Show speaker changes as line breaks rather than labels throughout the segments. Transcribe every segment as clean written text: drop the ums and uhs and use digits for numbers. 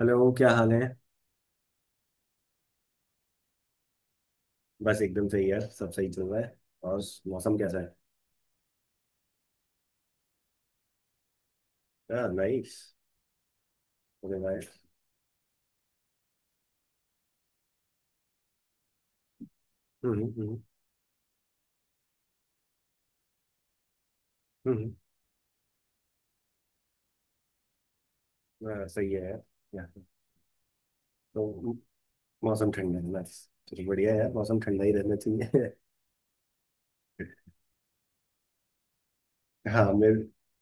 Hello, क्या हाल है। बस एकदम सही है, सब सही चल रहा है। और मौसम कैसा है। हाँ, नाइस। ओके भाई। हम्म, हम्म, हम्म। हाँ, सही है यार। यहाँ पे तो मौसम ठंडा है, नाइस। चलो बढ़िया है यार, मौसम ठंडा ही रहना चाहिए। हाँ मैं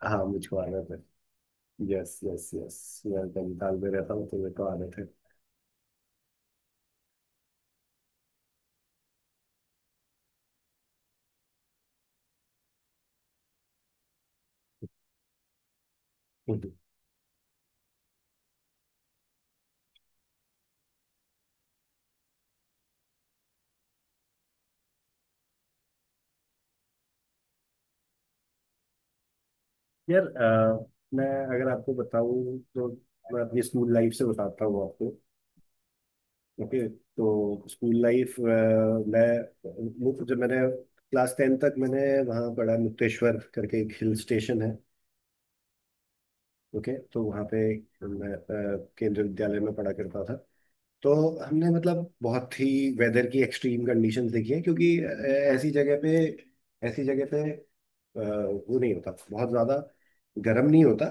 हाँ, मुझको आ रहा था। Yes, yes, yes. मैं नैनीताल में रहता हूँ तो मेरे को आ रहे थे। हम्म। यार, मैं अगर आपको बताऊँ तो मैं अपनी स्कूल लाइफ से बताता हूँ आपको। ओके, तो स्कूल लाइफ मैं मुझे, जब मैंने क्लास 10 तक मैंने वहाँ पढ़ा, मुक्तेश्वर करके एक हिल स्टेशन है। ओके, तो वहाँ पे मैं केंद्रीय विद्यालय में पढ़ा करता था। तो हमने, मतलब, बहुत ही वेदर की एक्सट्रीम कंडीशंस देखी है, क्योंकि ऐसी जगह पे ऐसी जगह पे अ, वो नहीं होता, बहुत ज़्यादा गर्म नहीं होता।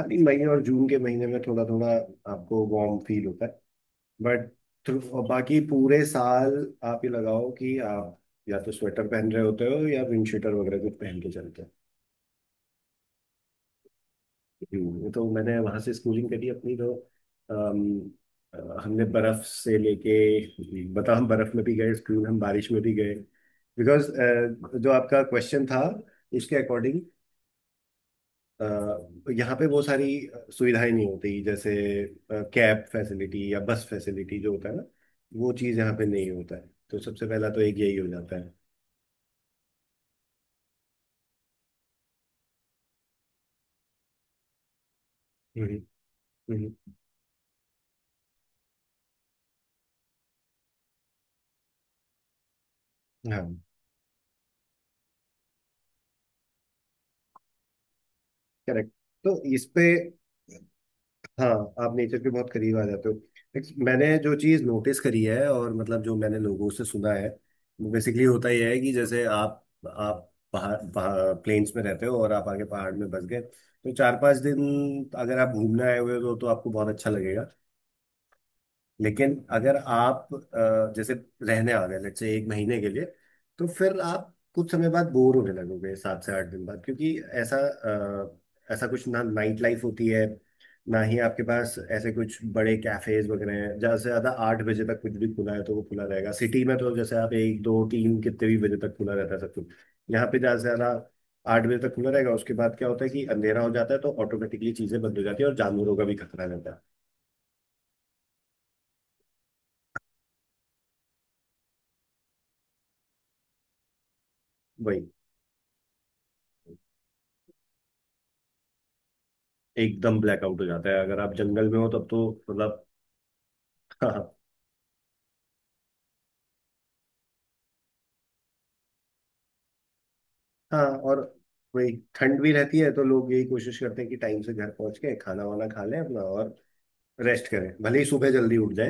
खाली मई और जून के महीने में थोड़ा थोड़ा आपको वार्म फील होता है, बट बाकी पूरे साल आप ये लगाओ कि आप या तो स्वेटर पहन रहे होते हो, या विंड शीटर वगैरह कुछ पहन के चलते हो। तो मैंने वहां से स्कूलिंग करी अपनी तो अम, हमने बर्फ से लेके, बता, हम बर्फ में भी गए स्कूल, हम बारिश में भी गए, बिकॉज जो आपका क्वेश्चन था उसके अकॉर्डिंग। अ, यहाँ पे वो सारी सुविधाएं नहीं होती, जैसे कैब फैसिलिटी या बस फैसिलिटी जो होता है ना, वो चीज़ यहाँ पे नहीं होता है। तो सबसे पहला तो एक यही हो जाता है। हम्म, हम्म। हाँ, करेक्ट। तो इस पे, हाँ, आप नेचर के बहुत करीब आ जाते हो। Next, मैंने जो चीज़ नोटिस करी है, और मतलब जो मैंने लोगों से सुना है, वो बेसिकली होता यह है कि जैसे आप पहाड़, प्लेन्स में रहते हो और आप आगे पहाड़ में बस गए, तो 4 5 दिन अगर आप घूमने आए हुए हो तो आपको बहुत अच्छा लगेगा। लेकिन अगर आप जैसे रहने आ गए, लेट्स से एक महीने के लिए, तो फिर आप कुछ समय बाद बोर होने लगोगे, 7 से 8 दिन बाद, क्योंकि ऐसा ऐसा कुछ ना नाइट लाइफ होती है, ना ही आपके पास ऐसे कुछ बड़े कैफेज वगैरह हैं। ज़्यादा से ज़्यादा 8 बजे तक कुछ भी खुला है तो वो खुला रहेगा। सिटी में तो जैसे आप एक, दो, तीन कितने भी बजे तक खुला रहता है सब कुछ, यहाँ पे ज़्यादा से ज़्यादा 8 बजे तक खुला रहेगा। उसके बाद क्या होता है कि अंधेरा हो जाता है, तो ऑटोमेटिकली चीज़ें बंद हो जाती है, और जानवरों का भी खतरा रहता है। वही, एकदम ब्लैकआउट हो जाता है, अगर आप जंगल में हो तब तो मतलब। हाँ। हाँ, और वही ठंड भी रहती है, तो लोग यही कोशिश करते हैं कि टाइम से घर पहुंच के खाना वाना खा लें अपना, और रेस्ट करें, भले ही सुबह जल्दी उठ जाए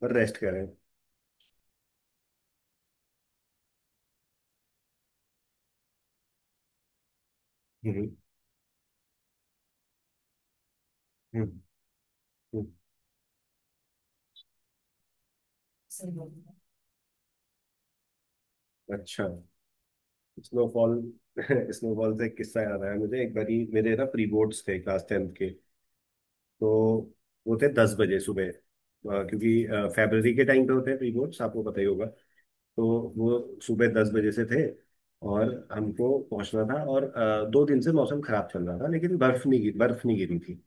पर रेस्ट करें। हम्म, हम्म, हम्म। अच्छा। स्नोफॉल, स्नोफॉल से एक किस्सा याद आया मुझे। एक बारी मेरे ना प्री बोर्ड्स थे क्लास 10th के, तो वो थे 10 बजे सुबह, क्योंकि फेब्रवरी के टाइम पे होते हैं प्री बोर्ड्स, आपको पता ही होगा। तो वो सुबह 10 बजे से थे, और हमको पहुंचना था, और 2 दिन से मौसम खराब चल रहा था, लेकिन बर्फ नहीं गिरी थी।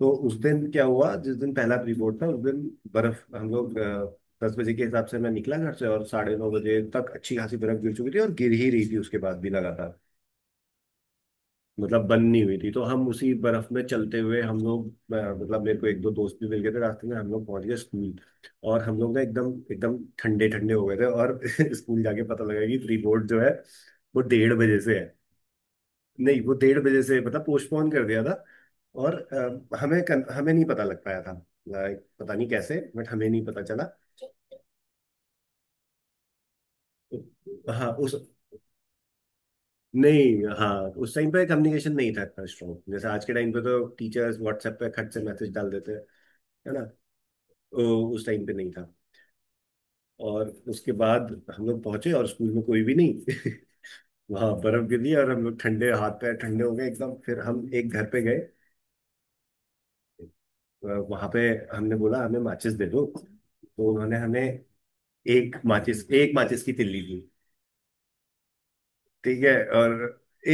तो उस दिन क्या हुआ, जिस दिन पहला प्री बोर्ड था उस दिन बर्फ, हम लोग 10 बजे के हिसाब से मैं निकला घर से, और 9:30 बजे तक अच्छी खासी बर्फ गिर चुकी थी, और गिर ही रही थी उसके बाद भी लगातार, मतलब बंद नहीं हुई थी। तो हम उसी बर्फ में चलते हुए, हम लोग, मतलब मेरे को एक दो दोस्त भी मिल गए थे रास्ते में, हम लोग पहुंच गए स्कूल। और हम लोग ना एकदम एकदम ठंडे ठंडे हो गए थे, और स्कूल जाके पता लगा कि प्री बोर्ड जो है, वो 1:30 बजे से है। नहीं, वो 1:30 बजे से मतलब पोस्टपोन कर दिया था, और हमें नहीं पता लग पाया था। Like, पता नहीं कैसे, बट हमें नहीं पता चला। हाँ उस नहीं, हाँ, उस टाइम पे कम्युनिकेशन नहीं था इतना स्ट्रॉन्ग, जैसे आज के टाइम पे तो टीचर्स व्हाट्सएप पे खट से मैसेज डाल देते हैं, है ना। तो उस टाइम पे नहीं था। और उसके बाद हम लोग पहुंचे, और स्कूल में कोई भी नहीं। वहाँ बर्फ गिरी, और हम लोग ठंडे, हाथ पैर ठंडे हो गए एकदम। फिर हम एक घर पे गए, वहां पे हमने बोला हमें माचिस दे दो, तो उन्होंने हमें एक माचिस की तिल्ली दी। ठीक है। और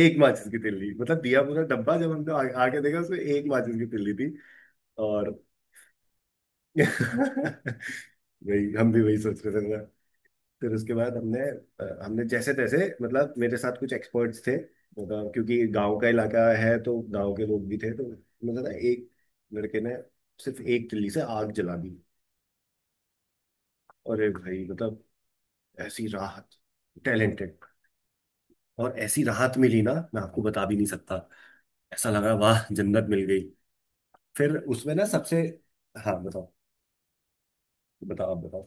एक माचिस की तिल्ली, मतलब दिया पूरा डब्बा, जब हमने आके देखा उसमें एक माचिस की तिल्ली थी। और वही हम भी वही सोच रहे थे। फिर उसके बाद हमने, हमने जैसे तैसे, मतलब मेरे साथ कुछ एक्सपर्ट्स थे, मतलब क्योंकि गांव का इलाका है, तो गांव के लोग भी थे, तो मतलब ना एक लड़के ने सिर्फ एक तिल्ली से आग जला दी। अरे भाई, मतलब ऐसी राहत। टैलेंटेड। और ऐसी राहत मिली ना, मैं आपको बता भी नहीं सकता। ऐसा लगा, वाह, जन्नत मिल गई। फिर उसमें ना सबसे, हाँ बताओ। बताओ, आप बताओ।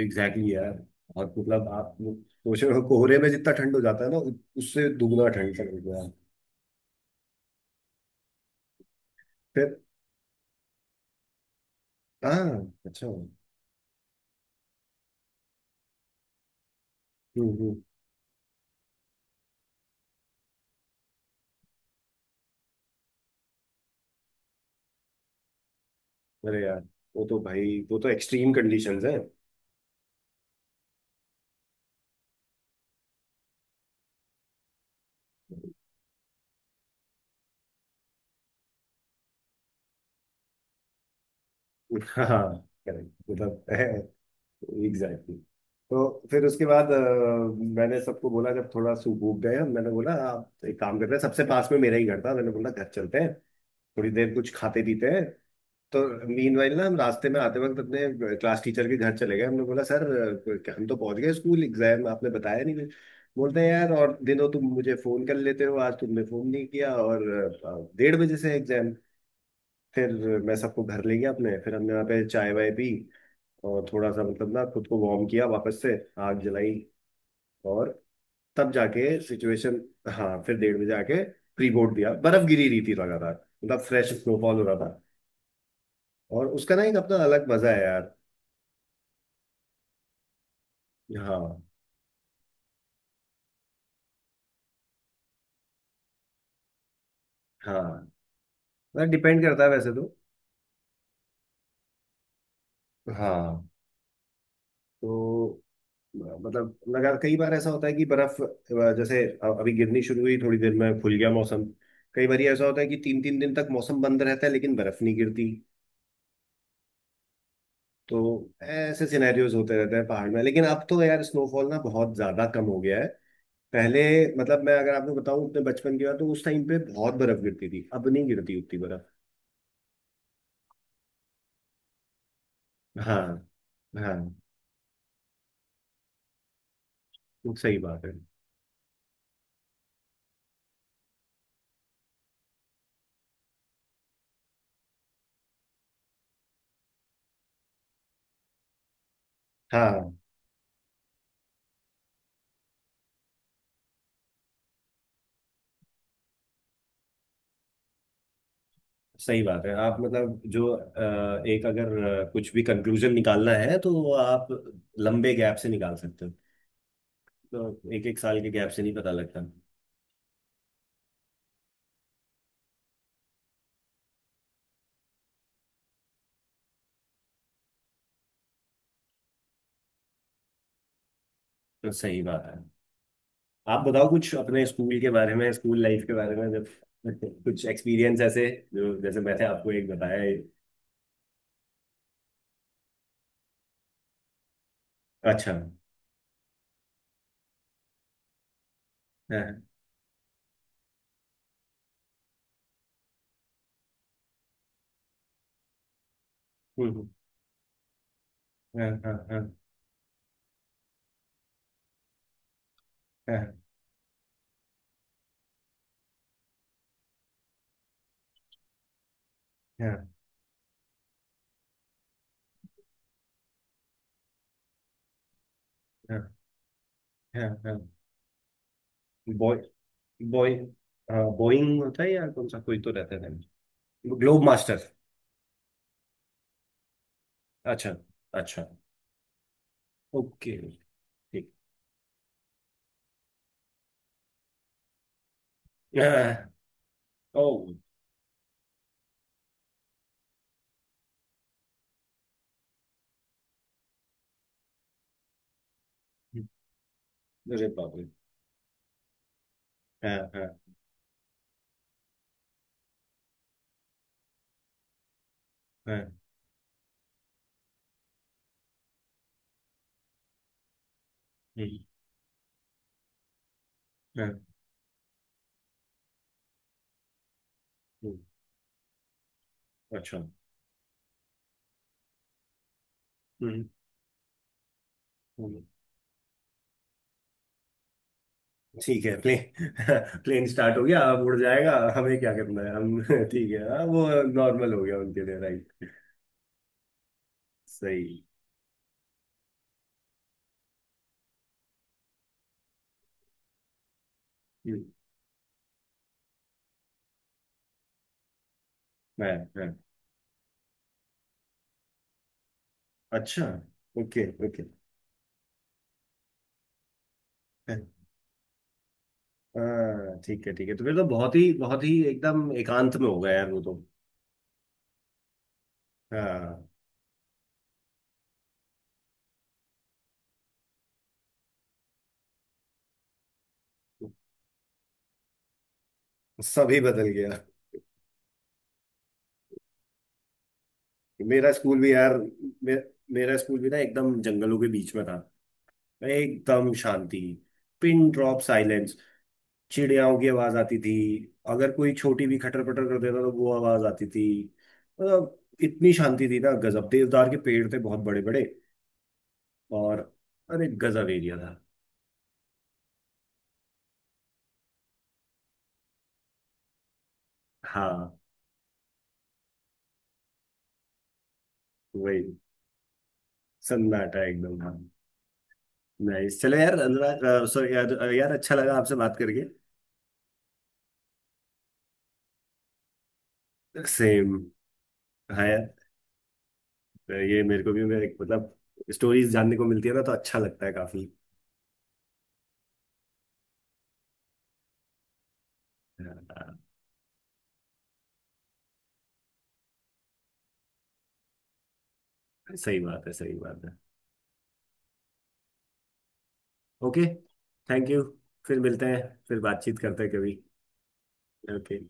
एग्जैक्टली, exactly यार। और मतलब आप सोच रहे हो कोहरे में जितना ठंड हो जाता है ना, उससे दुगना ठंड चल गया। हाँ, अच्छा। हम्म, हम्म। अरे यार, वो तो भाई वो तो एक्सट्रीम कंडीशंस हैं। हाँ, करेक्ट, मतलब एग्जैक्टली। तो फिर उसके बाद मैंने सबको बोला, जब थोड़ा सूप भूख गए हम, मैंने बोला आप एक काम करते हैं, सबसे पास में मेरा ही घर था, मैंने बोला घर चलते हैं, थोड़ी देर कुछ खाते पीते हैं। तो मीनवाइल ना हम रास्ते में आते वक्त अपने क्लास टीचर के घर चले गए, हमने बोला सर हम तो पहुंच गए स्कूल, एग्जाम आपने बताया नहीं कुछ। बोलते हैं यार, और दिनों तुम मुझे फोन कर लेते हो, आज तुमने फोन नहीं किया, और 1:30 बजे से एग्जाम। फिर मैं सबको घर ले गया अपने, फिर हमने वहाँ पे चाय वाय पी, और थोड़ा सा मतलब ना खुद को वार्म किया वापस से, आग जलाई, और तब जाके सिचुएशन। हाँ, फिर 1:30 बजे आके प्री बोर्ड दिया, बर्फ गिरी रही थी लगातार, मतलब फ्रेश स्नोफॉल हो रहा था, और उसका ना एक अपना अलग मजा है यार। हाँ। हाँ, मतलब डिपेंड करता है वैसे तो। हाँ। तो, मतलब, लगा कई बार ऐसा होता है कि बर्फ जैसे अभी गिरनी शुरू हुई, थोड़ी देर में खुल गया मौसम। कई बार ऐसा होता है कि तीन तीन दिन तक मौसम बंद रहता है, लेकिन बर्फ नहीं गिरती। तो ऐसे सिनेरियोज होते रहते हैं पहाड़ में, लेकिन अब तो यार स्नोफॉल ना बहुत ज्यादा कम हो गया है। पहले, मतलब, मैं अगर आपको बताऊं अपने बचपन की बात, तो उस टाइम पे बहुत बर्फ गिरती थी, अब नहीं गिरती उतनी बर्फ। हाँ। हाँ, सही बात है। हाँ, सही बात है। आप मतलब जो, एक, अगर कुछ भी कंक्लूजन निकालना है, तो वो आप लंबे गैप से निकाल सकते हो, तो एक एक साल के गैप से नहीं पता लगता। तो सही बात है। आप बताओ कुछ अपने स्कूल के बारे में, स्कूल लाइफ के बारे में, जब कुछ एक्सपीरियंस ऐसे, जो जैसे मैंने आपको एक बताया है। अच्छा। हाँ। हम्म, हाँ, हाँ, हाँ। हाँ, हाँ, हाँ, हाँ। हाँ। Bye, bye. हाँ, बोइंग होता है या कौन सा, कोई तो रहता है। Globe master. अच्छा। अच्छा, ओके, ठीक। हाँ, ओ। अरे बाप रे। हाँ, हाँ, हाँ। हम्म, हाँ, हम्म, अच्छा, हम्म, हम्म, ठीक है। प्लेन, प्लेन स्टार्ट हो गया, अब उड़ जाएगा, हमें क्या करना है हम। ठीक है, हाँ, वो नॉर्मल हो गया उनके लिए, राइट। सही। हम्म, हाँ, हाँ। अच्छा, ओके, ओके। हाँ, ठीक है, ठीक है। तो फिर तो बहुत ही, बहुत ही एकदम एकांत में हो गया यार, वो तो। हाँ, सभी बदल गया। मेरा स्कूल भी यार, मे, मेरा स्कूल भी ना एकदम जंगलों के बीच में था, एकदम शांति, पिन ड्रॉप साइलेंस। चिड़ियाओं की आवाज आती थी, अगर कोई छोटी भी खटर पटर कर देता तो वो आवाज आती थी, मतलब इतनी शांति थी ना, गजब। देवदार के पेड़ थे बहुत बड़े बड़े। और, अरे, गजब एरिया था। हाँ, वही सन्नाटा, एकदम हाँ। नाइस, चलो यार। सॉरी यार, यार, अच्छा लगा आपसे बात करके। सेम। हाँ यार, तो ये मेरे को भी, मेरे, मतलब, स्टोरीज जानने को मिलती है ना, तो अच्छा लगता है काफी। हाँ, सही बात है, सही बात है। ओके, थैंक यू, फिर मिलते हैं, फिर बातचीत करते हैं कभी। ओके।